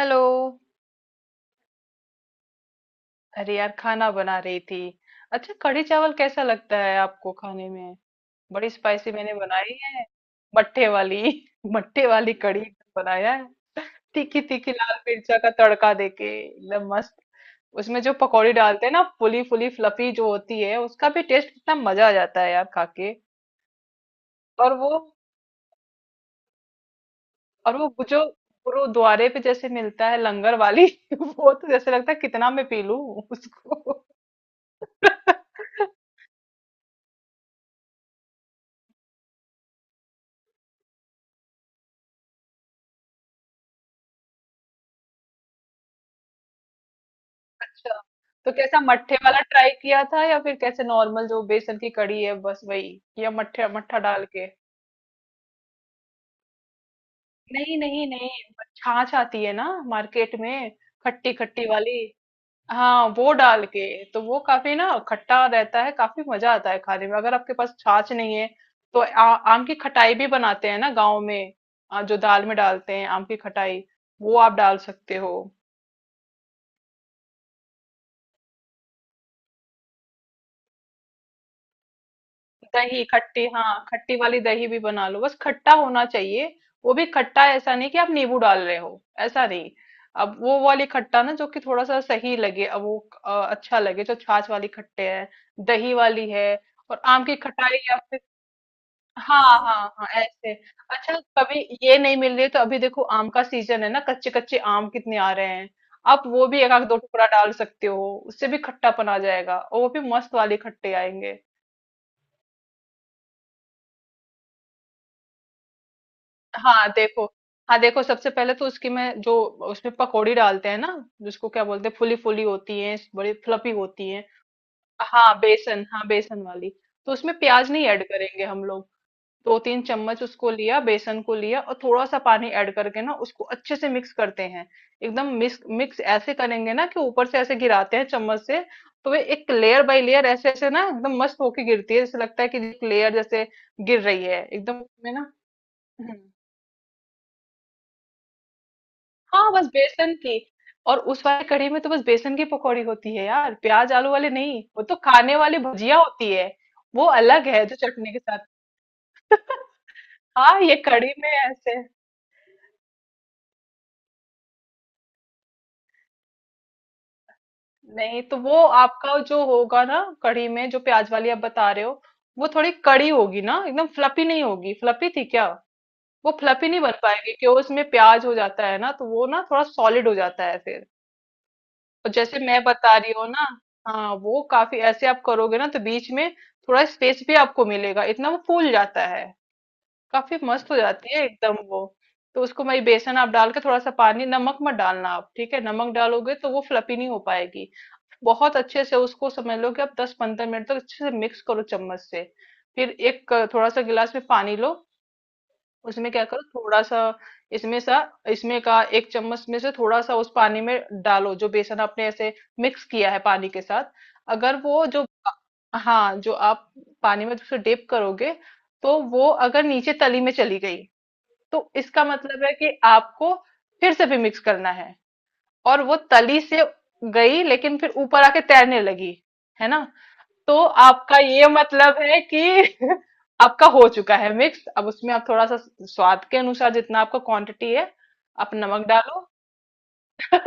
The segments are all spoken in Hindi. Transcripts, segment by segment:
हेलो। अरे यार, खाना बना रही थी। अच्छा, कढ़ी चावल कैसा लगता है आपको खाने में? बड़ी स्पाइसी मैंने बनाई है, मट्ठे वाली। मट्ठे वाली कढ़ी बनाया है। तीखी तीखी लाल मिर्चा का तड़का देके एकदम मस्त। उसमें जो पकौड़ी डालते हैं ना, फुली फुली फ्लफी जो होती है, उसका भी टेस्ट कितना मजा आ जाता है यार खा के। और वो और वो जो गुरुद्वारे पे जैसे मिलता है, लंगर वाली। वो तो जैसे लगता है कितना मैं पी लूं उसको। अच्छा। तो कैसा, मट्ठे वाला ट्राई किया था या फिर कैसे नॉर्मल जो बेसन की कड़ी है बस वही, या मट्ठे मट्ठा डाल के? नहीं नहीं नहीं। छाछ आती है ना मार्केट में, खट्टी खट्टी वाली। हाँ, वो डाल के। तो वो काफी ना खट्टा रहता है, काफी मजा आता है खाने में। अगर आपके पास छाछ नहीं है तो आम की खटाई भी बनाते हैं ना गाँव में। जो दाल में डालते हैं आम की खटाई, वो आप डाल सकते हो। दही खट्टी, हाँ खट्टी वाली दही भी बना लो, बस खट्टा होना चाहिए। वो भी खट्टा, ऐसा नहीं कि आप नींबू डाल रहे हो, ऐसा नहीं। अब वो वाली खट्टा ना, जो कि थोड़ा सा सही लगे, अब वो अच्छा लगे, जो छाछ वाली खट्टे है, दही वाली है। और आम की खटाई या फिर, हाँ हाँ हाँ, ऐसे। अच्छा, कभी ये नहीं मिल रही तो अभी देखो, आम का सीजन है ना, कच्चे कच्चे आम कितने आ रहे हैं। आप वो भी एक आध दो टुकड़ा डाल सकते हो, उससे भी खट्टापन आ जाएगा और वो भी मस्त वाले खट्टे आएंगे। हाँ, देखो। हाँ देखो, सबसे पहले तो उसकी मैं जो, उसमें पकौड़ी डालते हैं ना, जिसको क्या बोलते हैं, फूली फूली होती है, बड़ी फ्लफी होती है। हाँ बेसन, हाँ बेसन वाली। तो उसमें प्याज नहीं ऐड करेंगे हम लोग। 2-3 चम्मच उसको लिया, बेसन को लिया, और थोड़ा सा पानी ऐड करके ना उसको अच्छे से मिक्स करते हैं। एकदम मिक्स मिक्स ऐसे करेंगे ना, कि ऊपर से ऐसे गिराते हैं चम्मच से। तो वे एक लेयर बाय लेयर ऐसे ऐसे ना एकदम मस्त होके गिरती है, जैसे लगता है कि एक लेयर जैसे गिर रही है एकदम उसमें ना। हम्म। हाँ, बस बेसन की। और उस वाली कढ़ी में तो बस बेसन की पकौड़ी होती है यार, प्याज आलू वाली नहीं, वो तो खाने वाली भुजिया होती है। वो अलग है जो चटनी के साथ। हाँ, ये कढ़ी में ऐसे। नहीं तो वो आपका जो होगा ना कढ़ी में, जो प्याज वाली आप बता रहे हो, वो थोड़ी कड़ी होगी ना, एकदम फ्लफी नहीं होगी। फ्लफी थी क्या? वो फ्लफी नहीं बन पाएगी, क्योंकि उसमें प्याज हो जाता है ना, तो वो ना थोड़ा सॉलिड हो जाता है फिर। और जैसे मैं बता रही हूँ ना, हाँ वो काफी ऐसे आप करोगे ना तो बीच में थोड़ा स्पेस भी आपको मिलेगा, इतना वो फूल जाता है। काफी मस्त हो जाती है एकदम वो। तो उसको मैं, बेसन आप डाल के थोड़ा सा पानी, नमक मत डालना आप, ठीक है? नमक डालोगे तो वो फ्लफी नहीं हो पाएगी। बहुत अच्छे से उसको समझ लो, कि आप 10-15 मिनट तक अच्छे से मिक्स करो चम्मच से। फिर एक थोड़ा सा गिलास में पानी लो। उसमें क्या करो थोड़ा सा, इसमें सा इसमें का एक चम्मच में से थोड़ा सा उस पानी में डालो, जो बेसन आपने ऐसे मिक्स किया है पानी के साथ। अगर वो जो हाँ जो आप पानी में उसे डिप करोगे, तो वो अगर नीचे तली में चली गई, तो इसका मतलब है कि आपको फिर से भी मिक्स करना है। और वो तली से गई, लेकिन फिर ऊपर आके तैरने लगी, है ना। तो आपका ये मतलब है कि आपका हो चुका है मिक्स। अब उसमें आप थोड़ा सा, स्वाद के अनुसार जितना आपका क्वांटिटी है, आप नमक डालो।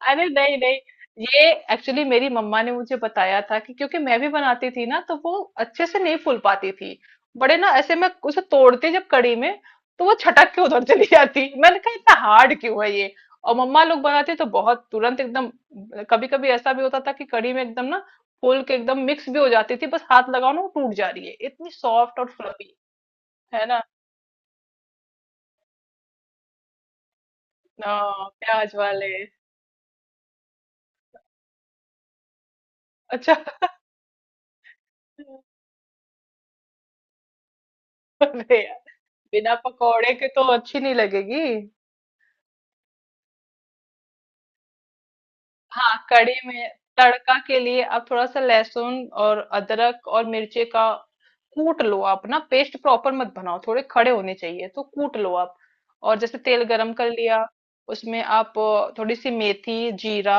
अरे नहीं नहीं, ये एक्चुअली मेरी मम्मा ने मुझे बताया था, कि क्योंकि मैं भी बनाती थी ना, तो वो अच्छे से नहीं फूल पाती थी। बड़े ना ऐसे मैं उसे तोड़ती जब कड़ी में, तो वो छटक के उधर चली जाती, मैंने कहा इतना हार्ड क्यों है ये। और मम्मा लोग बनाते तो बहुत तुरंत एकदम, कभी कभी ऐसा भी होता था कि कड़ी में एकदम ना फूल के एकदम मिक्स भी हो जाती थी, बस हाथ लगाओ ना वो टूट जा रही है इतनी सॉफ्ट और फ्लफी। है ना। हाँ, प्याज वाले। अच्छा। अरे यार, बिना पकौड़े के तो अच्छी नहीं लगेगी। हाँ कड़ी में तड़का के लिए, आप थोड़ा सा लहसुन और अदरक और मिर्ची का कूट लो आप ना, पेस्ट प्रॉपर मत बनाओ, थोड़े खड़े होने चाहिए, तो कूट लो आप। और जैसे तेल गरम कर लिया, उसमें आप थोड़ी सी मेथी जीरा,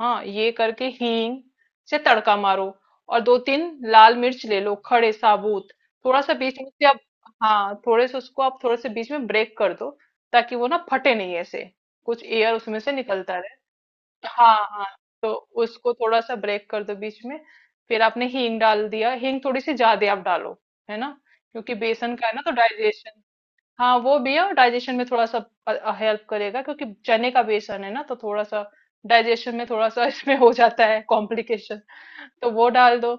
हाँ ये करके हींग से तड़का मारो। और 2-3 लाल मिर्च ले लो खड़े साबुत। थोड़ा सा बीच में से आप, हाँ थोड़े से उसको आप थोड़े से बीच में ब्रेक कर दो, ताकि वो ना फटे नहीं ऐसे, कुछ एयर उसमें से निकलता रहे। हाँ हाँ। तो उसको थोड़ा सा ब्रेक कर दो बीच में। फिर आपने हींग डाल दिया, हींग थोड़ी सी ज्यादा आप डालो, है ना, क्योंकि बेसन का है ना तो डाइजेशन, हाँ वो भी है, और डाइजेशन में थोड़ा सा हेल्प करेगा। क्योंकि चने का बेसन है ना तो थोड़ा सा डाइजेशन में थोड़ा सा इसमें हो जाता है कॉम्प्लिकेशन, तो वो डाल दो।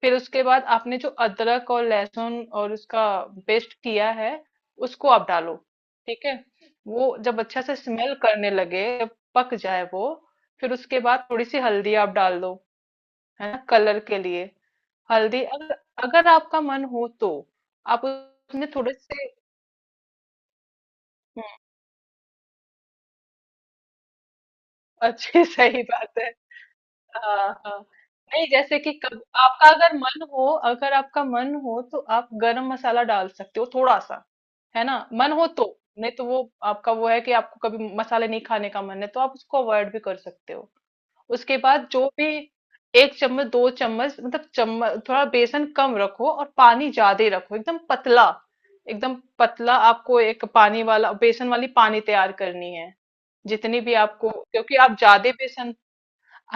फिर उसके बाद आपने जो अदरक और लहसुन और उसका पेस्ट किया है, उसको आप डालो, ठीक है। वो जब अच्छा से स्मेल करने लगे, जब पक जाए वो, फिर उसके बाद थोड़ी सी हल्दी आप डाल दो, है ना, कलर के लिए। हल्दी अगर अगर आपका मन हो तो, आप उसमें थोड़े से, अच्छी सही बात है। हाँ हाँ नहीं, जैसे कि कब आपका अगर मन हो, अगर आपका मन हो तो आप गरम मसाला डाल सकते हो थोड़ा सा, है ना, मन हो तो। नहीं तो वो आपका वो है कि आपको कभी मसाले नहीं खाने का मन है, तो आप उसको अवॉइड भी कर सकते हो। उसके बाद जो भी एक चम्मच दो चम्मच, मतलब चम्मच थोड़ा बेसन कम रखो और पानी ज्यादा ही रखो, एकदम पतला। एकदम पतला आपको एक पानी वाला बेसन वाली पानी तैयार करनी है, जितनी भी आपको, क्योंकि आप ज्यादा बेसन,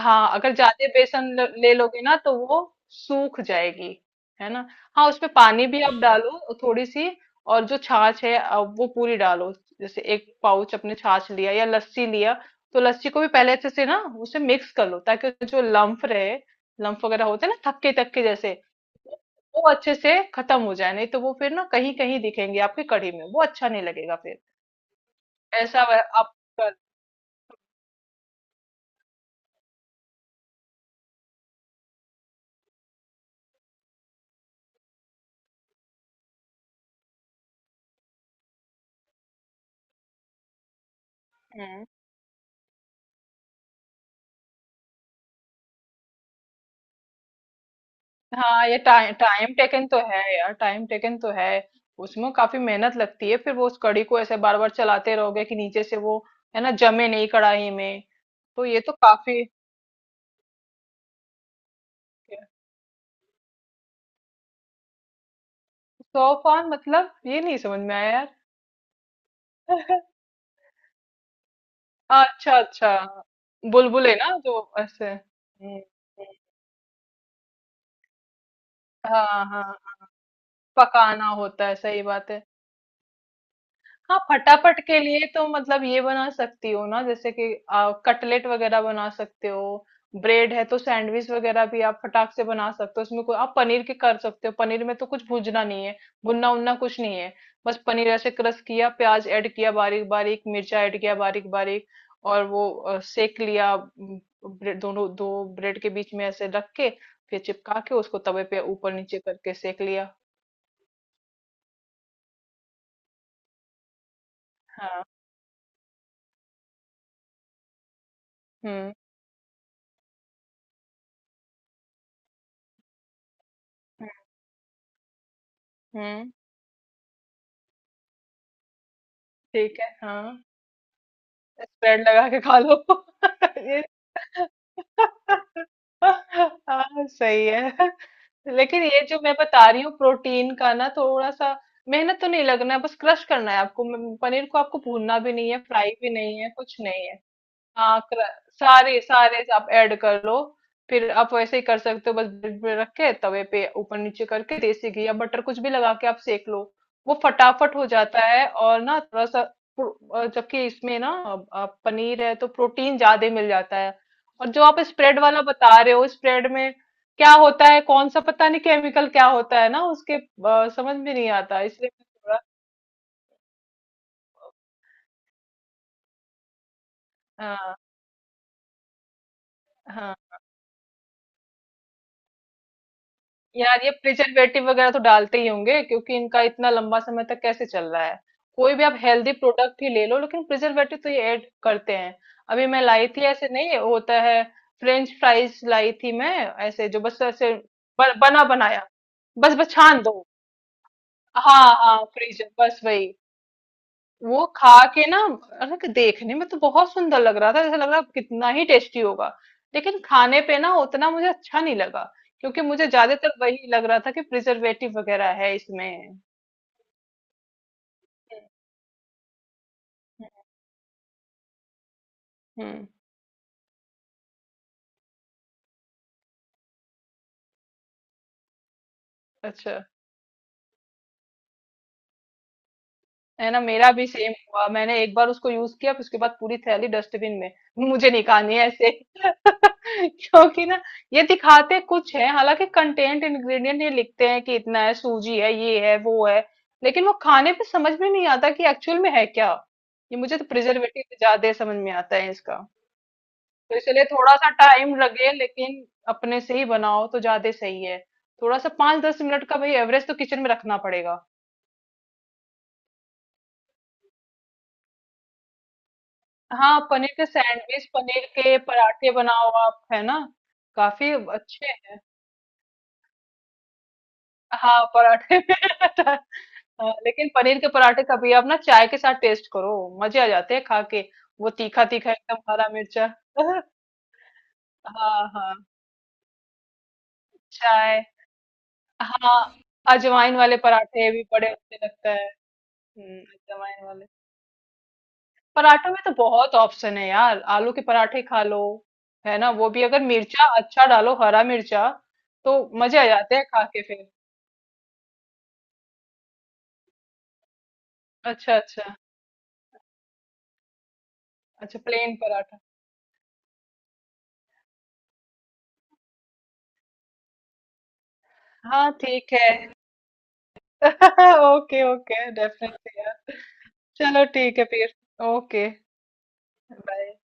हाँ अगर ज्यादा बेसन ले लोगे ना, तो वो सूख जाएगी, है ना। हाँ उसमें पानी भी आप डालो और थोड़ी सी, और जो छाछ है वो पूरी डालो। जैसे एक पाउच अपने छाछ लिया या लस्सी लिया, तो लस्सी को भी पहले अच्छे से ना उसे मिक्स कर लो, ताकि उसमें जो लम्फ रहे, लम्फ वगैरह होते हैं ना, थक्के थक्के जैसे, वो अच्छे से खत्म हो जाए, नहीं तो वो फिर ना कहीं कहीं दिखेंगे आपकी कढ़ी में, वो अच्छा नहीं लगेगा फिर। ऐसा आप कर, हम्म। हाँ ये टाइम टाइम टेकन तो है यार, टाइम टेकन तो है। उसमें काफी मेहनत लगती है, फिर वो उस कड़ी को ऐसे बार बार चलाते रहोगे कि नीचे से वो, है ना, जमे नहीं कढ़ाई में। तो ये तो काफी, तूफान मतलब ये नहीं समझ में आया यार। अच्छा अच्छा। बुलबुले ना जो ऐसे, हम्म। हम्म। हाँ हाँ। पकाना होता है, सही बात है। हाँ फटाफट के लिए तो मतलब ये बना सकती हो ना, जैसे कि कटलेट वगैरह बना सकते हो। ब्रेड है तो सैंडविच वगैरह भी आप फटाक से बना सकते हो, उसमें कोई आप पनीर के कर सकते हो, पनीर में तो कुछ भूजना नहीं है, भुनना उनना कुछ नहीं है। बस पनीर ऐसे क्रश किया, प्याज ऐड किया, बारीक बारीक मिर्चा ऐड किया बारीक बारीक। और वो सेक लिया, ब्रेड दोनों, दो ब्रेड के बीच में ऐसे रख के, फिर चिपका के उसको तवे पे ऊपर नीचे करके सेक लिया। हाँ। हम्म। हम्म। हम्म, ठीक है। हाँ, स्प्रेड लगा के खा लो। ये, हाँ सही है। लेकिन ये जो मैं बता रही हूँ, प्रोटीन का ना थोड़ा सा, मेहनत तो नहीं लगना है, बस क्रश करना है आपको, पनीर को आपको भूनना भी नहीं है, फ्राई भी नहीं है, कुछ नहीं है। हाँ, सारे सारे आप ऐड कर लो। फिर आप वैसे ही कर सकते हो, बस ब्रेड पे रख के तवे पे ऊपर नीचे करके देसी घी या बटर कुछ भी लगा के आप सेक लो। वो फटाफट हो जाता है, और ना थोड़ा सा जबकि इसमें ना, अब आप पनीर है तो प्रोटीन ज्यादा मिल जाता है। और जो आप स्प्रेड वाला बता रहे हो, स्प्रेड में क्या होता है, कौन सा पता नहीं केमिकल क्या होता है ना उसके, समझ में नहीं आता, इसलिए मैं थोड़ा। हाँ हाँ। यार ये प्रिजर्वेटिव वगैरह तो डालते ही होंगे, क्योंकि इनका इतना लंबा समय तक कैसे चल रहा है। कोई भी आप हेल्दी प्रोडक्ट ही ले लो, लेकिन प्रिजर्वेटिव तो ये ऐड करते हैं। अभी मैं लाई थी, ऐसे नहीं होता है। फ्रेंच फ्राइज लाई थी मैं, ऐसे जो बस ऐसे बना बनाया, बस बस छान दो, हाँ हाँ फ्रीजर, बस वही। वो खा के ना, अरे, कि देखने में तो बहुत सुंदर लग रहा था, जैसे लग रहा कितना ही टेस्टी होगा, लेकिन खाने पे ना उतना मुझे अच्छा नहीं लगा। क्योंकि मुझे ज्यादातर वही लग रहा था कि प्रिजर्वेटिव वगैरह है इसमें। हम्म। अच्छा। है ना, मेरा भी सेम हुआ, मैंने एक बार उसको यूज किया, फिर उसके बाद पूरी थैली डस्टबिन में, मुझे नहीं खानी है ऐसे। क्योंकि ना ये दिखाते कुछ है, हालांकि कंटेंट इंग्रेडिएंट ये लिखते हैं कि इतना है, सूजी है, ये है, वो है, लेकिन वो खाने पे समझ में नहीं आता कि एक्चुअल में है क्या। ये मुझे तो प्रिजर्वेटिव ज्यादा समझ में आता है इसका। तो इसलिए थोड़ा सा टाइम लगे, लेकिन अपने से ही बनाओ तो ज्यादा सही है। थोड़ा सा 5-10 मिनट का भाई, एवरेज तो किचन में रखना पड़ेगा। हाँ, पनीर के सैंडविच, पनीर के पराठे बनाओ आप, है ना, काफी अच्छे। हाँ पराठे। हाँ, लेकिन पनीर के पराठे कभी आप ना चाय के साथ टेस्ट करो, मजे आ जाते हैं खा के। वो तीखा तीखा एकदम हरा मिर्चा। हाँ हाँ, चाय। हाँ, अजवाइन वाले पराठे भी बड़े अच्छे लगता है। अजवाइन वाले पराठों में तो बहुत ऑप्शन है यार, आलू के पराठे खा लो, है ना, वो भी अगर मिर्चा अच्छा डालो, हरा मिर्चा, तो मजे आ जाते हैं खा के फिर। अच्छा अच्छा। अच्छा, प्लेन पराठा। हाँ ठीक है। Okay okay, definitely. चलो, ठीक है फिर। ओके। बाय।